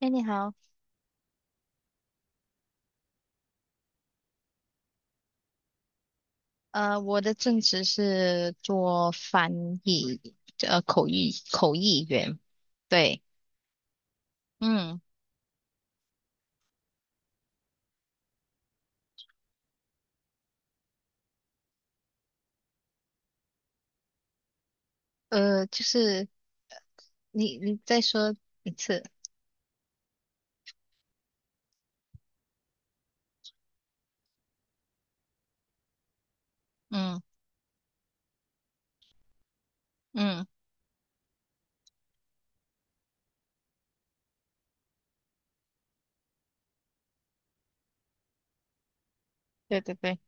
哎，你好。我的正职是做翻译，口译员。对。嗯。就是你再说一次。嗯嗯。对对对。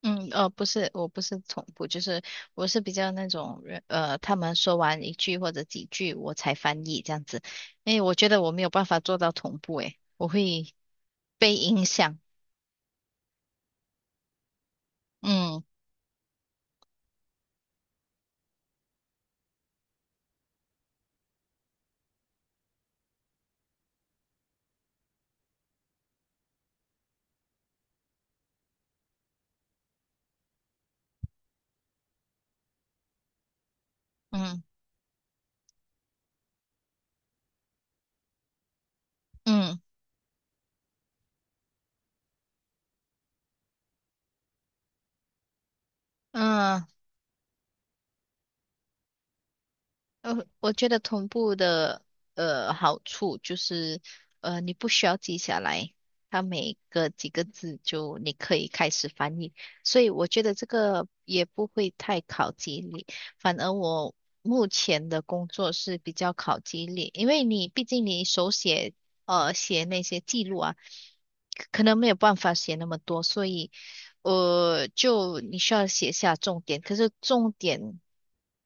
嗯。不是，我不是同步，就是我是比较那种人，他们说完一句或者几句，我才翻译这样子，因为我觉得我没有办法做到同步。诶，我会被影响。嗯嗯嗯嗯。我觉得同步的好处就是，你不需要记下来，它每个几个字就你可以开始翻译，所以我觉得这个也不会太考记忆力，反而我目前的工作是比较考记忆力，因为你毕竟你手写写那些记录啊，可能没有办法写那么多，所以。就你需要写下重点，可是重点，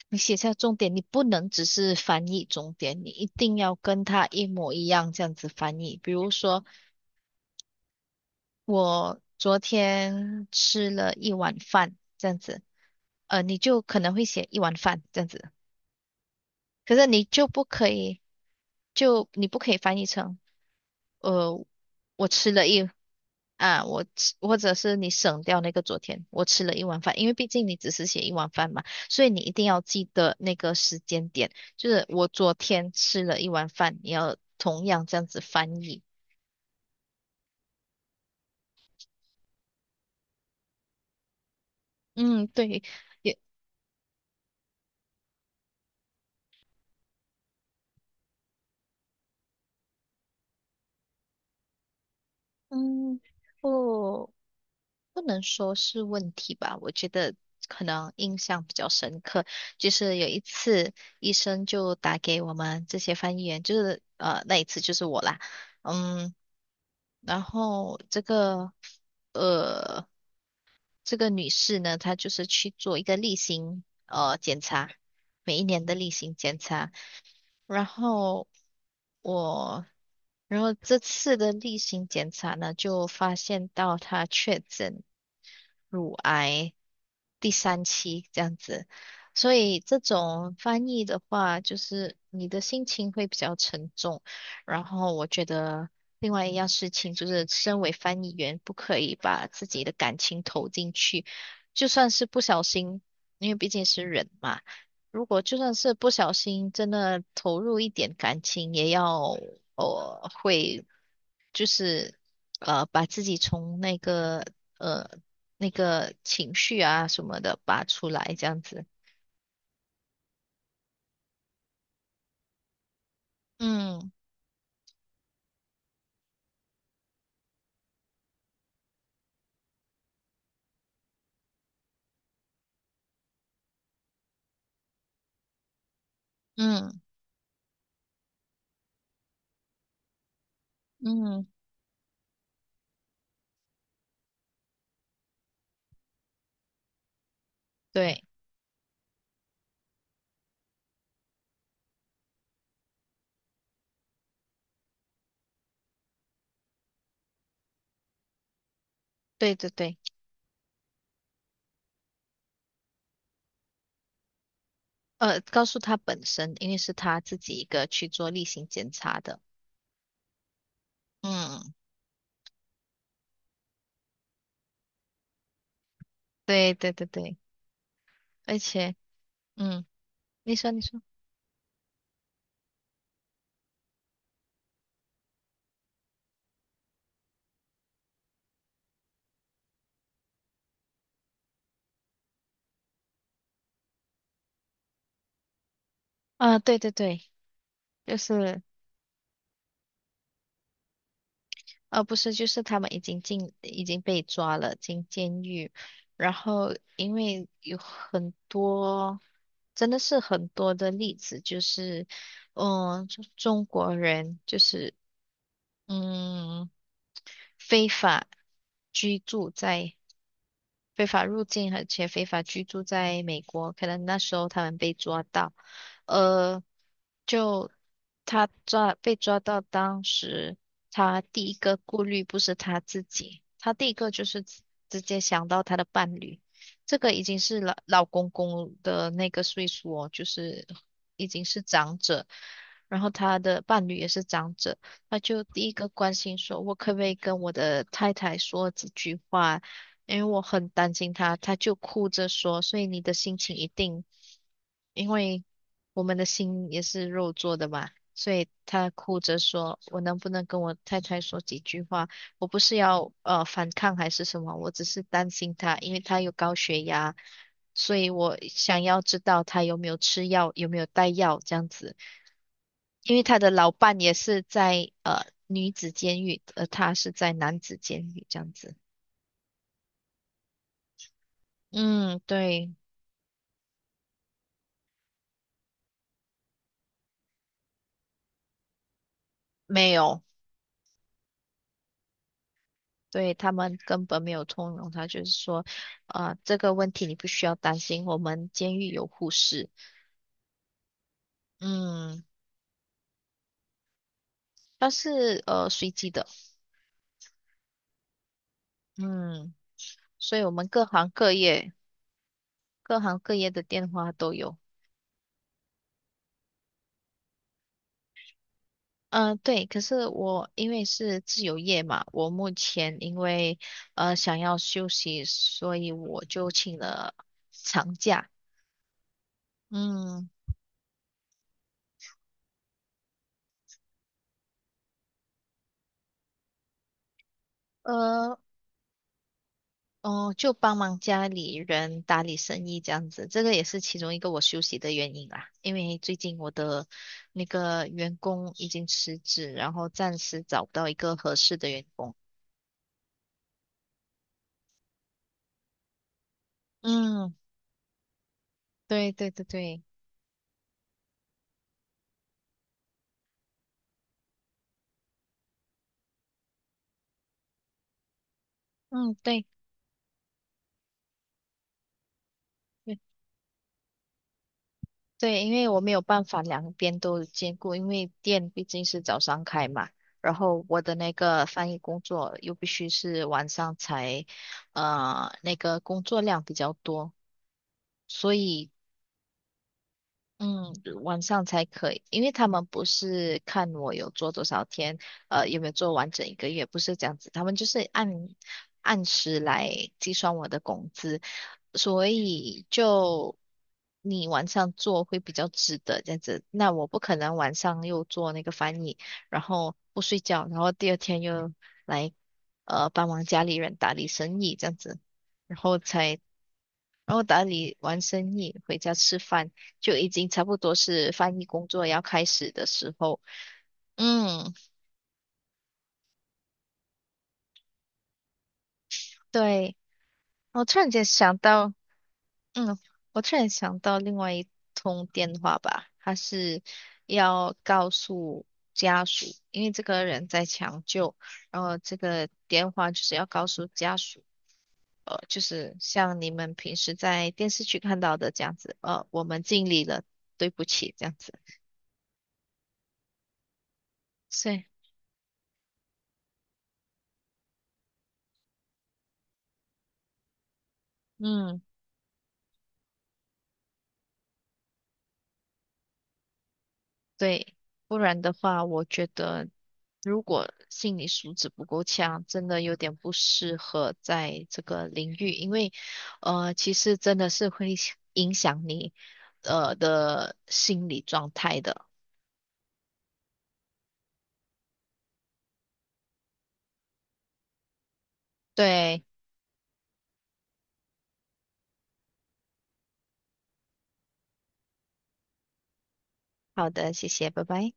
你写下重点，你不能只是翻译重点，你一定要跟他一模一样这样子翻译。比如说，我昨天吃了一碗饭，这样子。你就可能会写一碗饭这样子。可是你就不可以，就你不可以翻译成，呃，我吃了一啊，我吃，或者是你省掉那个昨天，我吃了一碗饭，因为毕竟你只是写一碗饭嘛，所以你一定要记得那个时间点，就是我昨天吃了一碗饭，你要同样这样子翻译。嗯，对。也。嗯。哦。不能说是问题吧，我觉得可能印象比较深刻，就是有一次医生就打给我们这些翻译员，就是那一次就是我啦。嗯，然后这个呃这个女士呢，她就是去做一个例行检查，每一年的例行检查，然后我。然后这次的例行检查呢，就发现到她确诊乳癌第三期这样子，所以这种翻译的话，就是你的心情会比较沉重。然后我觉得另外一样事情就是，身为翻译员，不可以把自己的感情投进去，就算是不小心，因为毕竟是人嘛。如果就算是不小心，真的投入一点感情，也要呃会就是呃，把自己从那个呃那个情绪啊什么的拔出来，这样子。嗯嗯嗯。对对对对。告诉他本身，因为是他自己一个去做例行检查的。嗯，对对对对。而且嗯，你说。啊，对对对，就是。不是，就是他们已经进，已经被抓了，进监狱。然后，因为有很多，真的是很多的例子，就是，嗯，中国人就是，嗯，非法居住在非法入境而且非法居住在美国，可能那时候他们被抓到。呃，就被抓到，当时他第一个顾虑不是他自己，他第一个就是直接想到他的伴侣，这个已经是老老公公的那个岁数哦，就是已经是长者，然后他的伴侣也是长者。他就第一个关心说，我可不可以跟我的太太说几句话？因为我很担心他，他就哭着说，所以你的心情一定，因为我们的心也是肉做的嘛，所以他哭着说，我能不能跟我太太说几句话？我不是要反抗还是什么，我只是担心他，因为他有高血压，所以我想要知道他有没有吃药，有没有带药这样子。因为他的老伴也是在女子监狱，而他是在男子监狱这样子。嗯，对。没有。对，他们根本没有通融。他就是说、啊、这个问题你不需要担心，我们监狱有护士。嗯，它是随机的。嗯，所以我们各行各业的电话都有。对，可是我因为是自由业嘛，我目前因为想要休息，所以我就请了长假。嗯。呃，哦，就帮忙家里人打理生意这样子，这个也是其中一个我休息的原因啦。因为最近我的那个员工已经辞职，然后暂时找不到一个合适的员工。嗯，对对对对。嗯，对对对，因为我没有办法两边都兼顾，因为店毕竟是早上开嘛，然后我的那个翻译工作又必须是晚上才，那个工作量比较多。所以嗯，晚上才可以，因为他们不是看我有做多少天，有没有做完整一个月，不是这样子，他们就是按时来计算我的工资，所以就你晚上做会比较值得这样子。那我不可能晚上又做那个翻译，然后不睡觉，然后第二天又来帮忙家里人打理生意这样子，然后才然后打理完生意，回家吃饭，就已经差不多是翻译工作要开始的时候。嗯，对，我突然间想到。嗯，我突然想到另外一通电话吧，他是要告诉家属，因为这个人在抢救，然后这个电话就是要告诉家属。就是像你们平时在电视剧看到的这样子，我们尽力了，对不起，这样子，所以嗯。对，不然的话，我觉得如果心理素质不够强，真的有点不适合在这个领域，因为其实真的是会影响你的心理状态的。对，好的，谢谢，拜拜。